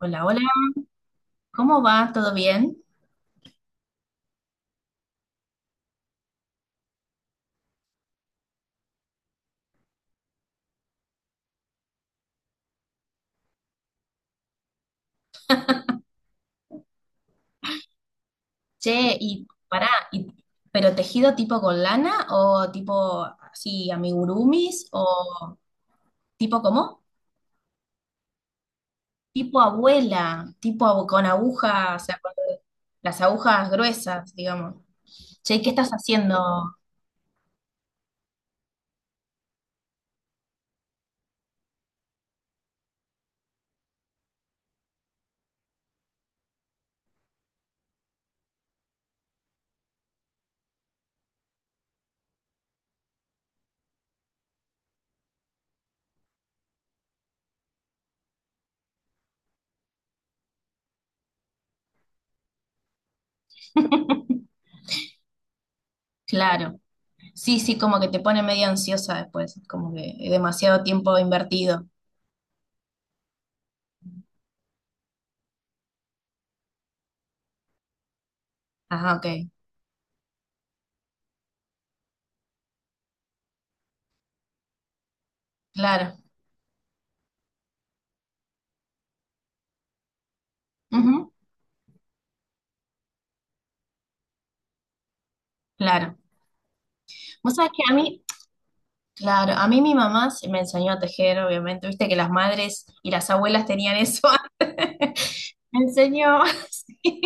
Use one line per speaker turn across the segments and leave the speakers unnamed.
Hola, hola, ¿cómo va? ¿Todo bien? Che, ¿pero tejido tipo con lana o tipo así amigurumis o tipo cómo? Tipo abuela, con agujas, o sea, con las agujas gruesas, digamos. Che, ¿qué estás haciendo? Claro, sí, sí, como que te pone medio ansiosa después, como que demasiado tiempo invertido. Ajá, ok, claro, ujú, claro. Vos sabés que a mí, Claro, a mí mi mamá se me enseñó a tejer, obviamente, viste que las madres y las abuelas tenían eso antes. Me enseñó. Sí,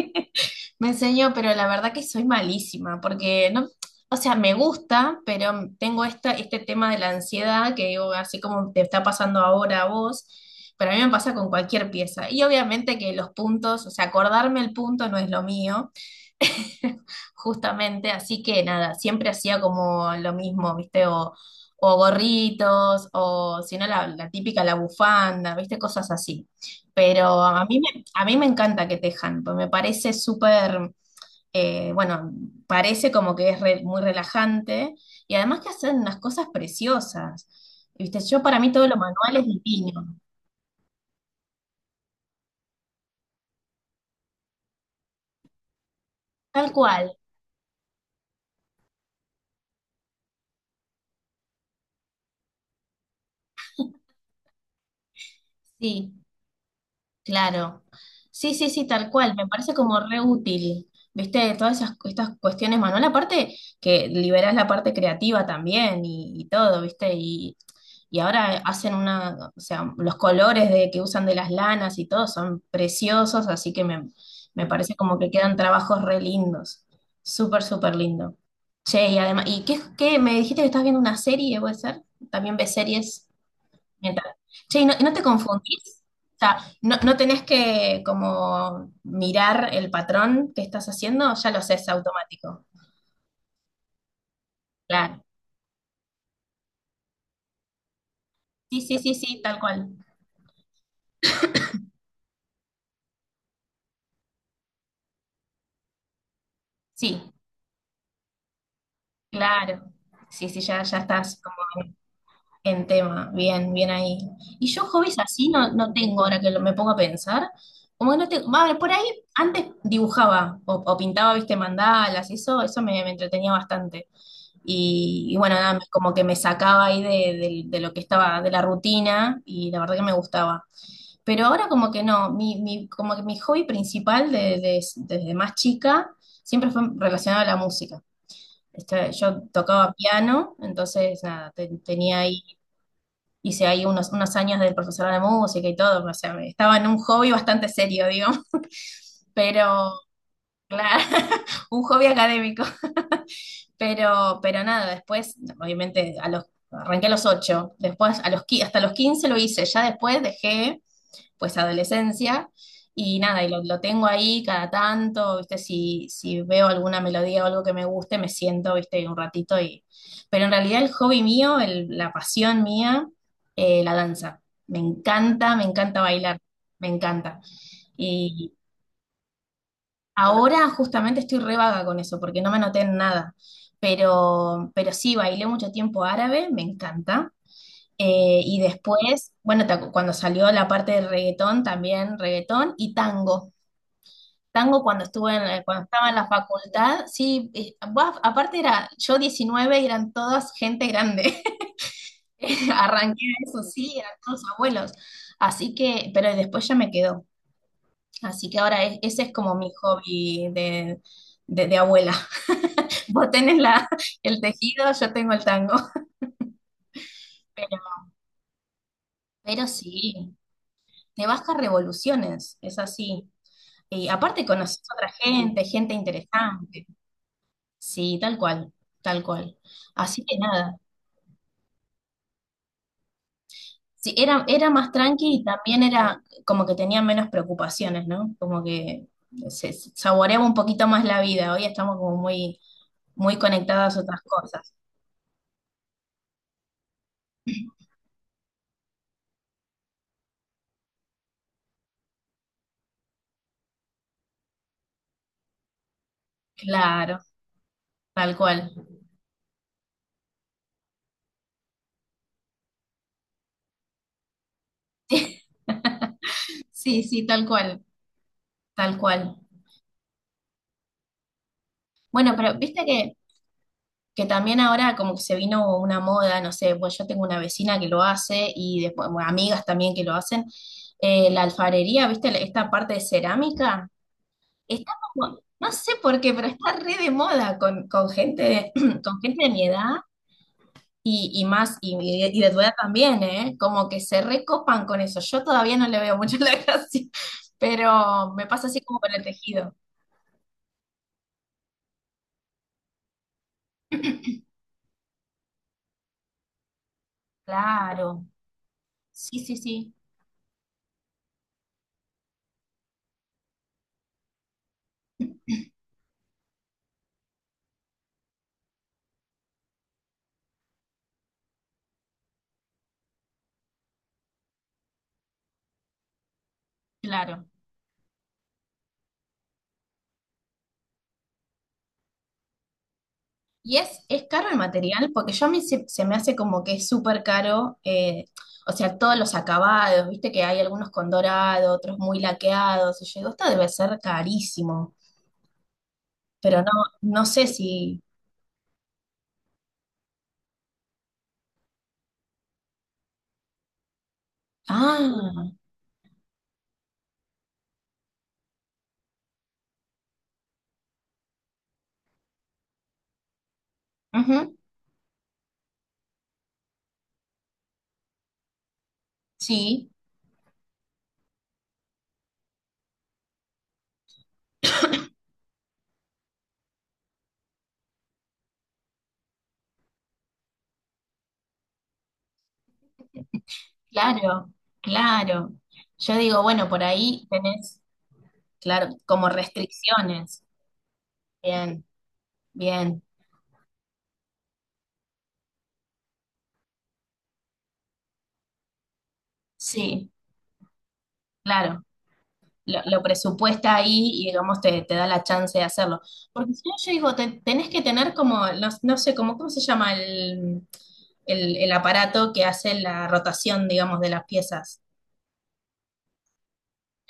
me enseñó, pero la verdad que soy malísima, porque no, o sea, me gusta, pero tengo este tema de la ansiedad que digo, así como te está pasando ahora a vos, pero a mí me pasa con cualquier pieza. Y obviamente que los puntos, o sea, acordarme el punto no es lo mío. Justamente, así que nada, siempre hacía como lo mismo, ¿viste? O gorritos, o si no, la típica, la bufanda, ¿viste? Cosas así. Pero a mí me encanta que tejan, pues me parece súper, bueno, parece como que es muy relajante y además que hacen unas cosas preciosas, ¿viste? Yo para mí todo lo manual es divino, tal cual, sí. Claro. Sí, sí, sí, tal cual. Me parece como re útil. ¿Viste? Estas cuestiones, Manuel. Aparte que liberas la parte creativa también y todo, ¿viste? Y ahora o sea, los colores de, que usan de las lanas y todo son preciosos, así me parece como que quedan trabajos re lindos. Súper, súper lindo. Che, y además, ¿qué? ¿Me dijiste que estás viendo una serie, puede ser? ¿También ves series? Mental. Che, ¿y no te confundís? O sea, no tenés que como mirar el patrón que estás haciendo, ya lo sé, es automático. Claro. Sí, sí, sí, sí, tal cual. Sí, claro. Sí, sí, ya, ya estás como en tema. Bien, bien ahí. Y yo hobbies así no, no tengo ahora me pongo a pensar. Como que no tengo. Va, por ahí antes dibujaba o pintaba, viste, mandalas, eso, me entretenía bastante. Y bueno, nada, como que me sacaba ahí de lo que estaba, de la rutina, y la verdad que me gustaba. Pero ahora como que no, como que mi hobby principal desde más chica siempre fue relacionado a la música. Este, yo tocaba piano, entonces nada, tenía ahí, hice ahí unos, unos años de profesor de música y todo, o sea, estaba en un hobby bastante serio, digamos, pero claro, un hobby académico. Pero nada, después, obviamente, arranqué a los 8, después a los, hasta los 15 lo hice, ya después dejé, pues, adolescencia, y nada, lo tengo ahí cada tanto, ¿viste? Si veo alguna melodía o algo que me guste, me siento, ¿viste? Un ratito y... Pero en realidad el hobby mío, la pasión mía, la danza. Me encanta bailar, me encanta. Ahora justamente estoy re vaga con eso, porque no me anoté en nada. Pero sí, bailé mucho tiempo árabe, me encanta. Y después, bueno, cuando salió la parte de reggaetón, también reggaetón y tango. Tango cuando estuve en, cuando estaba en la facultad, sí, buaf, aparte era yo 19 y eran todas gente grande. Arranqué eso, sí, eran todos abuelos. Así que, pero después ya me quedó. Así que ahora ese es como mi hobby de abuela. Vos tenés la, el tejido, yo tengo el tango. Pero, pero sí, te vas a revoluciones, es así. Y aparte conoces otra gente, gente interesante. Sí, tal cual, tal cual. Así que nada. Sí, era, era más tranqui y también era como que tenía menos preocupaciones, ¿no? Como que se saboreaba un poquito más la vida. Hoy estamos como muy, muy conectadas a otras cosas. Claro, tal cual. Sí, sí, tal cual, tal cual. Bueno, pero viste que también ahora como que se vino una moda, no sé, pues yo tengo una vecina que lo hace y después, bueno, amigas también que lo hacen. La alfarería, ¿viste? Esta parte de cerámica, está como, no sé por qué, pero está re de moda con gente de, con gente de mi edad y más, y de tu edad también, ¿eh? Como que se recopan con eso. Yo todavía no le veo mucho la gracia, pero me pasa así como con el tejido. Claro, sí, sí, sí, claro. Y es caro el material porque yo a mí se, se me hace como que es súper caro, o sea, todos los acabados, viste que hay algunos con dorado, otros muy laqueados, y yo digo, esto debe ser carísimo, pero no, no sé si... Ah, ujú, sí, claro, claro. Yo digo, bueno, por ahí tenés, claro, como restricciones. Bien, bien, sí, claro. Lo presupuesta ahí y digamos te da la chance de hacerlo. Porque si no, yo digo, tenés que tener como, no, no sé, como, ¿cómo se llama el aparato que hace la rotación, digamos, de las piezas?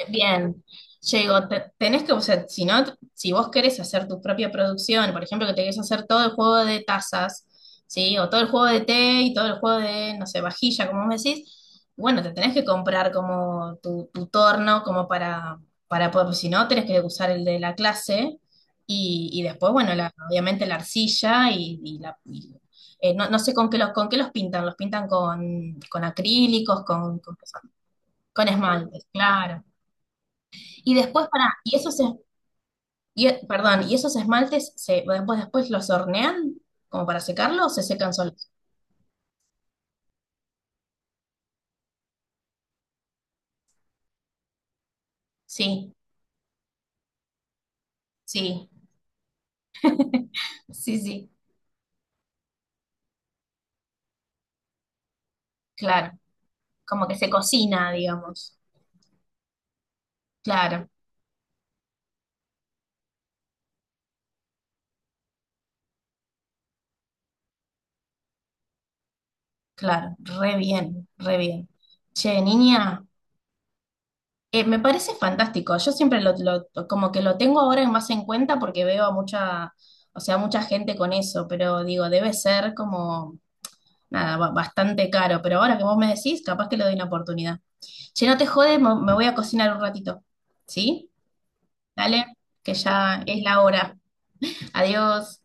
Bien, yo digo, tenés que, o sea, si no, si vos querés hacer tu propia producción, por ejemplo, que te querés hacer todo el juego de tazas, ¿sí? O todo el juego de té y todo el juego de, no sé, vajilla, como vos decís, bueno, te tenés que comprar como tu torno, como para poder, pues, si no, tenés que usar el de la clase y después, bueno, obviamente la arcilla y la... no, no sé con qué los pintan con acrílicos, con esmaltes, claro. Y después, para, y esos, es- y- perdón, ¿y esos esmaltes se, después, después los hornean como para secarlos o se secan solos? Sí, sí, sí, sí, claro. Como que se cocina, digamos. Claro, claro, re bien, re bien. Che, niña, me parece fantástico. Yo siempre lo- como que lo tengo ahora más en cuenta porque veo a mucha, o sea, mucha gente con eso, pero digo, debe ser como, nada, bastante caro. Pero ahora que vos me decís, capaz que le doy una oportunidad. Che, no te jodes, me voy a cocinar un ratito. ¿Sí? Dale, que ya es la hora. Adiós.